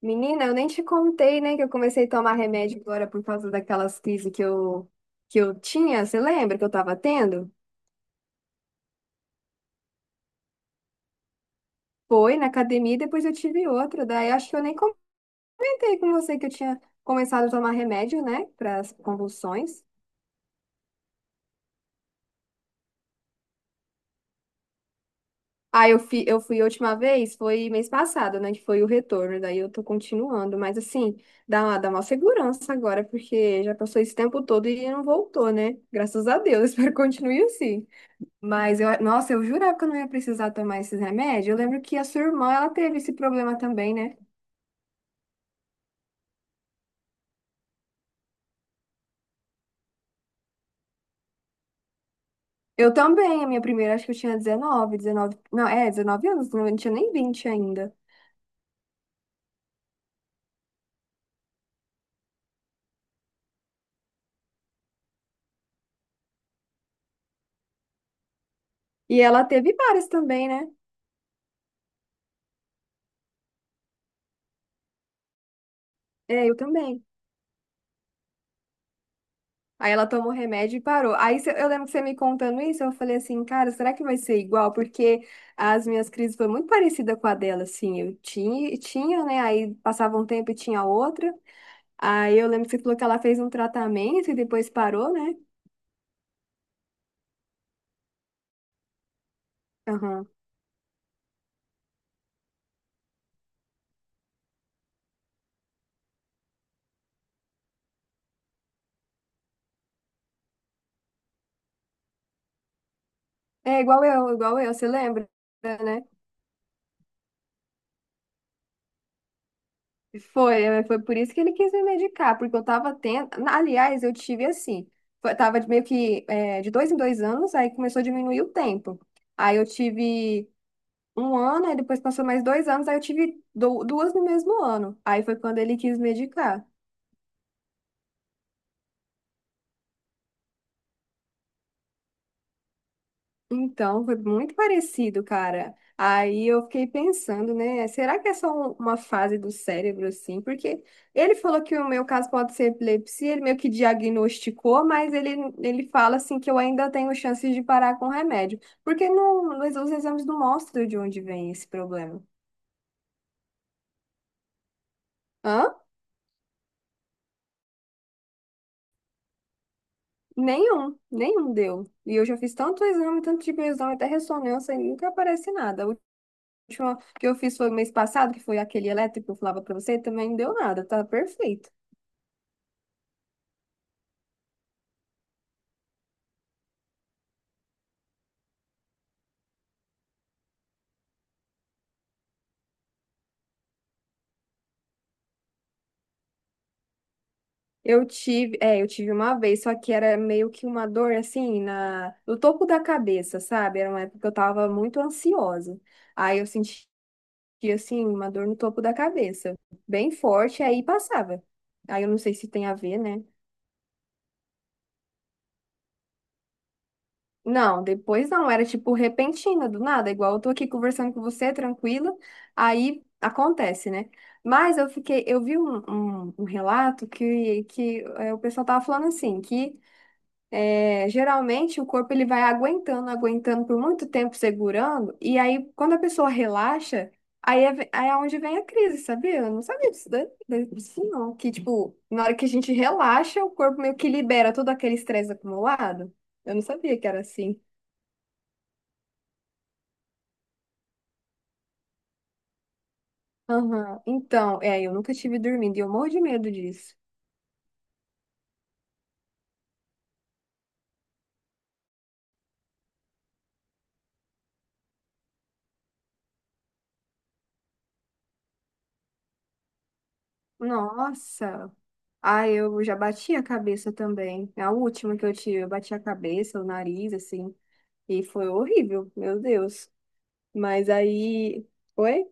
Menina, eu nem te contei, né, que eu comecei a tomar remédio agora por causa daquelas crises que eu tinha. Você lembra que eu tava tendo? Foi na academia e depois eu tive outra. Daí acho que eu nem comentei com você que eu tinha começado a tomar remédio, né, para as convulsões. Ah, eu fui a última vez, foi mês passado, né, que foi o retorno. Daí eu tô continuando, mas assim, dá uma segurança agora, porque já passou esse tempo todo e não voltou, né? Graças a Deus, espero que continue assim. Mas eu, nossa, eu jurava que eu não ia precisar tomar esses remédios. Eu lembro que a sua irmã, ela teve esse problema também, né? Eu também, a minha primeira, acho que eu tinha 19 anos, não, eu não tinha nem vinte ainda. E ela teve várias também, né? É, eu também. Aí ela tomou remédio e parou. Aí eu lembro que você me contando isso, eu falei assim, cara, será que vai ser igual? Porque as minhas crises foram muito parecidas com a dela, assim. Eu tinha, tinha, né? Aí passava um tempo e tinha outra. Aí eu lembro que você falou que ela fez um tratamento e depois parou, né? Aham. É igual eu, você lembra, né? Foi por isso que ele quis me medicar, porque eu tava tendo. Aliás, eu tive assim, tava de meio que de dois em dois anos, aí começou a diminuir o tempo. Aí eu tive um ano, aí depois passou mais 2 anos, aí eu tive duas no mesmo ano. Aí foi quando ele quis medicar. Então, foi muito parecido, cara. Aí eu fiquei pensando, né? Será que é só uma fase do cérebro, assim? Porque ele falou que o meu caso pode ser epilepsia, ele meio que diagnosticou, mas ele fala, assim, que eu ainda tenho chances de parar com o remédio. Porque não, mas os exames não mostram de onde vem esse problema. Hã? Nenhum, nenhum deu. E eu já fiz tanto exame, tanto tipo de exame, até ressonância, e nunca aparece nada. Última que eu fiz foi mês passado, que foi aquele elétrico que eu falava pra você, também não deu nada, tá perfeito. Eu tive uma vez, só que era meio que uma dor assim no topo da cabeça, sabe? Era uma época que eu tava muito ansiosa. Aí eu sentia assim uma dor no topo da cabeça, bem forte, aí passava. Aí eu não sei se tem a ver, né? Não, depois não, era tipo repentina, do nada, igual eu tô aqui conversando com você, tranquila, aí acontece, né? Mas eu fiquei, eu vi um relato que o pessoal tava falando assim, que geralmente o corpo ele vai aguentando, aguentando por muito tempo segurando, e aí quando a pessoa relaxa, aí é onde vem a crise, sabia? Eu não sabia disso, disso não, que tipo, na hora que a gente relaxa, o corpo meio que libera todo aquele estresse acumulado. Eu não sabia que era assim. Aham. Então, eu nunca tive dormindo e eu morro de medo disso. Nossa. Ah, eu já bati a cabeça também. É. A última que eu tive, eu bati a cabeça, o nariz, assim, e foi horrível, meu Deus. Mas aí, foi?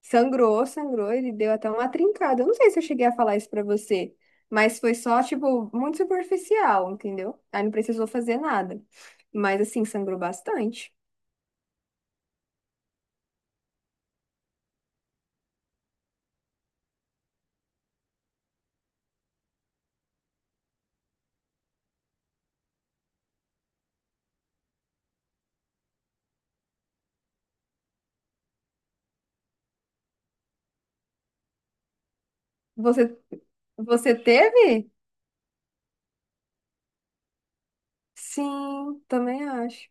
Sangrou, sangrou, ele deu até uma trincada. Eu não sei se eu cheguei a falar isso pra você, mas foi só, tipo, muito superficial, entendeu? Aí não precisou fazer nada. Mas, assim, sangrou bastante. Você, você teve? Sim, também acho.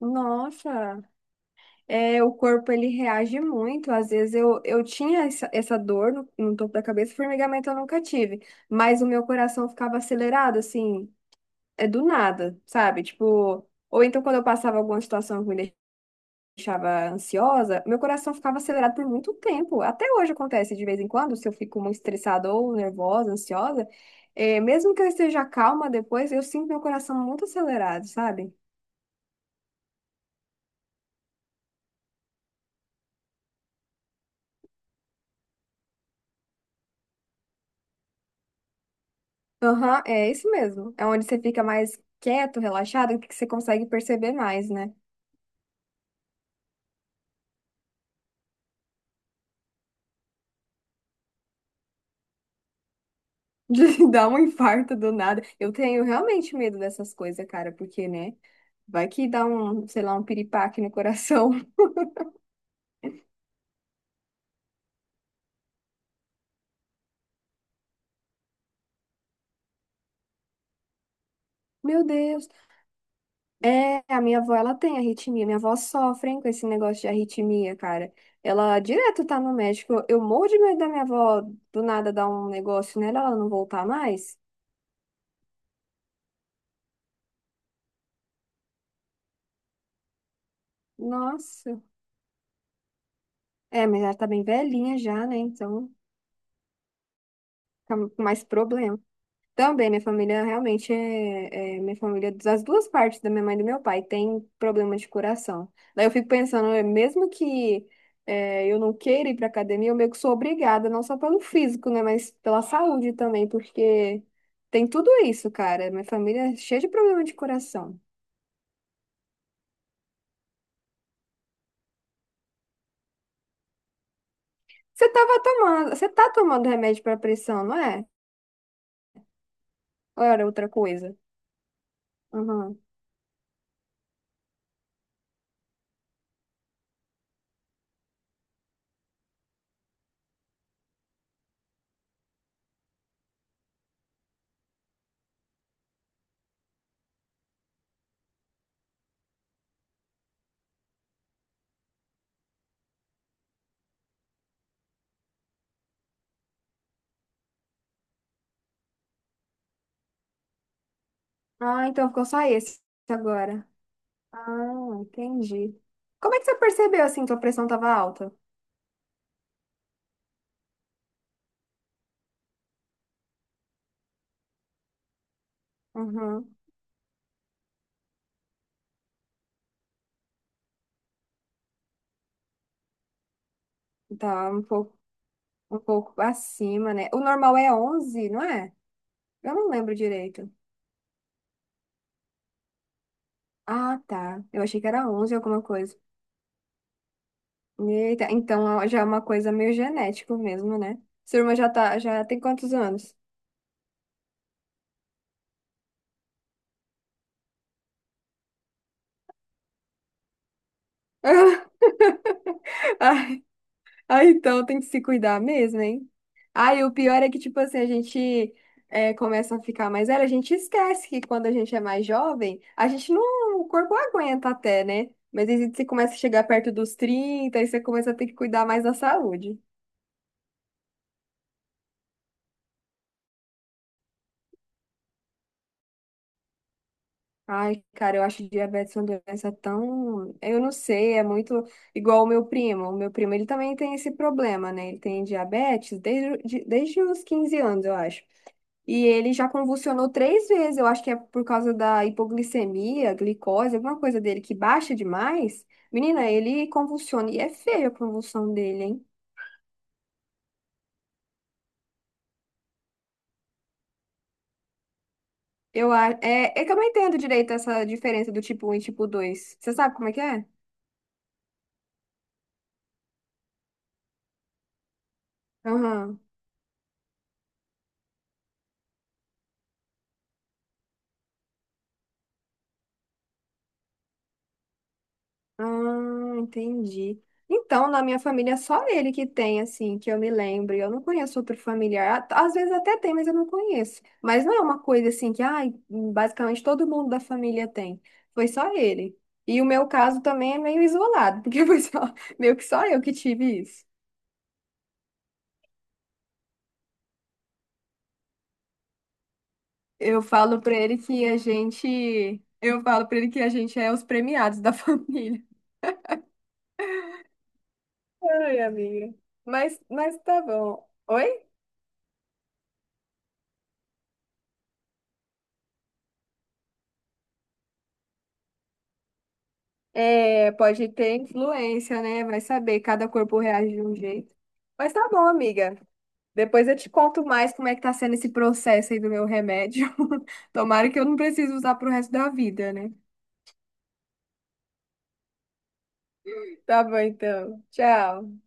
Nossa, o corpo ele reage muito. Às vezes eu tinha essa dor no topo da cabeça, formigamento eu nunca tive, mas o meu coração ficava acelerado, assim, do nada, sabe? Tipo, ou então quando eu passava alguma situação que me deixava ansiosa, meu coração ficava acelerado por muito tempo. Até hoje acontece de vez em quando, se eu fico muito estressada ou nervosa, ansiosa, mesmo que eu esteja calma depois, eu sinto meu coração muito acelerado, sabe? Aham, é isso mesmo. É onde você fica mais quieto, relaxado, que você consegue perceber mais, né? De dar um infarto do nada. Eu tenho realmente medo dessas coisas, cara, porque, né? Vai que dá um, sei lá, um piripaque no coração. Meu Deus. É, a minha avó, ela tem arritmia. Minha avó sofre, hein, com esse negócio de arritmia, cara. Ela direto tá no médico. Eu morro de medo da minha avó do nada dar um negócio nela, ela não voltar mais. Nossa. É, mas ela tá bem velhinha já, né? Então. Fica mais problema. Também, minha família realmente é, minha família, é das duas partes, da minha mãe e do meu pai, tem problema de coração. Daí eu fico pensando, mesmo que eu não queira ir pra academia, eu meio que sou obrigada, não só pelo físico, né, mas pela saúde também, porque tem tudo isso, cara. Minha família é cheia de problema de coração. Você tá tomando remédio pra pressão, não é? Ou era outra coisa? Uhum. Ah, então ficou só esse agora. Ah, entendi. Como é que você percebeu assim que a pressão estava alta? Uhum. Tá um pouco, um pouco acima, né? O normal é onze, não é? Eu não lembro direito. Ah, tá. Eu achei que era 11 alguma coisa. Eita, então ó, já é uma coisa meio genético mesmo, né? Sua irmã já tem quantos anos? Ah, então tem que se cuidar mesmo, hein? Ah, e o pior é que, tipo assim, a gente começa a ficar mais velho, a gente esquece que quando a gente é mais jovem, a gente não, o corpo aguenta até, né? Mas aí você começa a chegar perto dos 30, aí você começa a ter que cuidar mais da saúde. Ai, cara, eu acho diabetes uma doença tão. Eu não sei, é muito igual o meu primo. O meu primo, ele também tem esse problema, né? Ele tem diabetes desde os 15 anos, eu acho. E ele já convulsionou 3 vezes. Eu acho que é por causa da hipoglicemia, glicose, alguma coisa dele que baixa demais. Menina, ele convulsiona. E é feia a convulsão dele, hein? É que eu não entendo direito essa diferença do tipo um e tipo dois. Você sabe como é que é? Aham. Ah, entendi. Então, na minha família, é só ele que tem, assim, que eu me lembro. Eu não conheço outro familiar. Às vezes até tem, mas eu não conheço. Mas não é uma coisa assim que, ai, basicamente todo mundo da família tem. Foi só ele. E o meu caso também é meio isolado, porque foi só, meio que só eu que tive isso. Eu falo pra ele que a gente, eu falo pra ele que a gente é os premiados da família. Ai, amiga. Mas tá bom. Oi? É, pode ter influência, né? Vai saber, cada corpo reage de um jeito. Mas tá bom, amiga. Depois eu te conto mais como é que tá sendo esse processo aí do meu remédio. Tomara que eu não precise usar pro resto da vida, né? Tá bom, então. Tchau.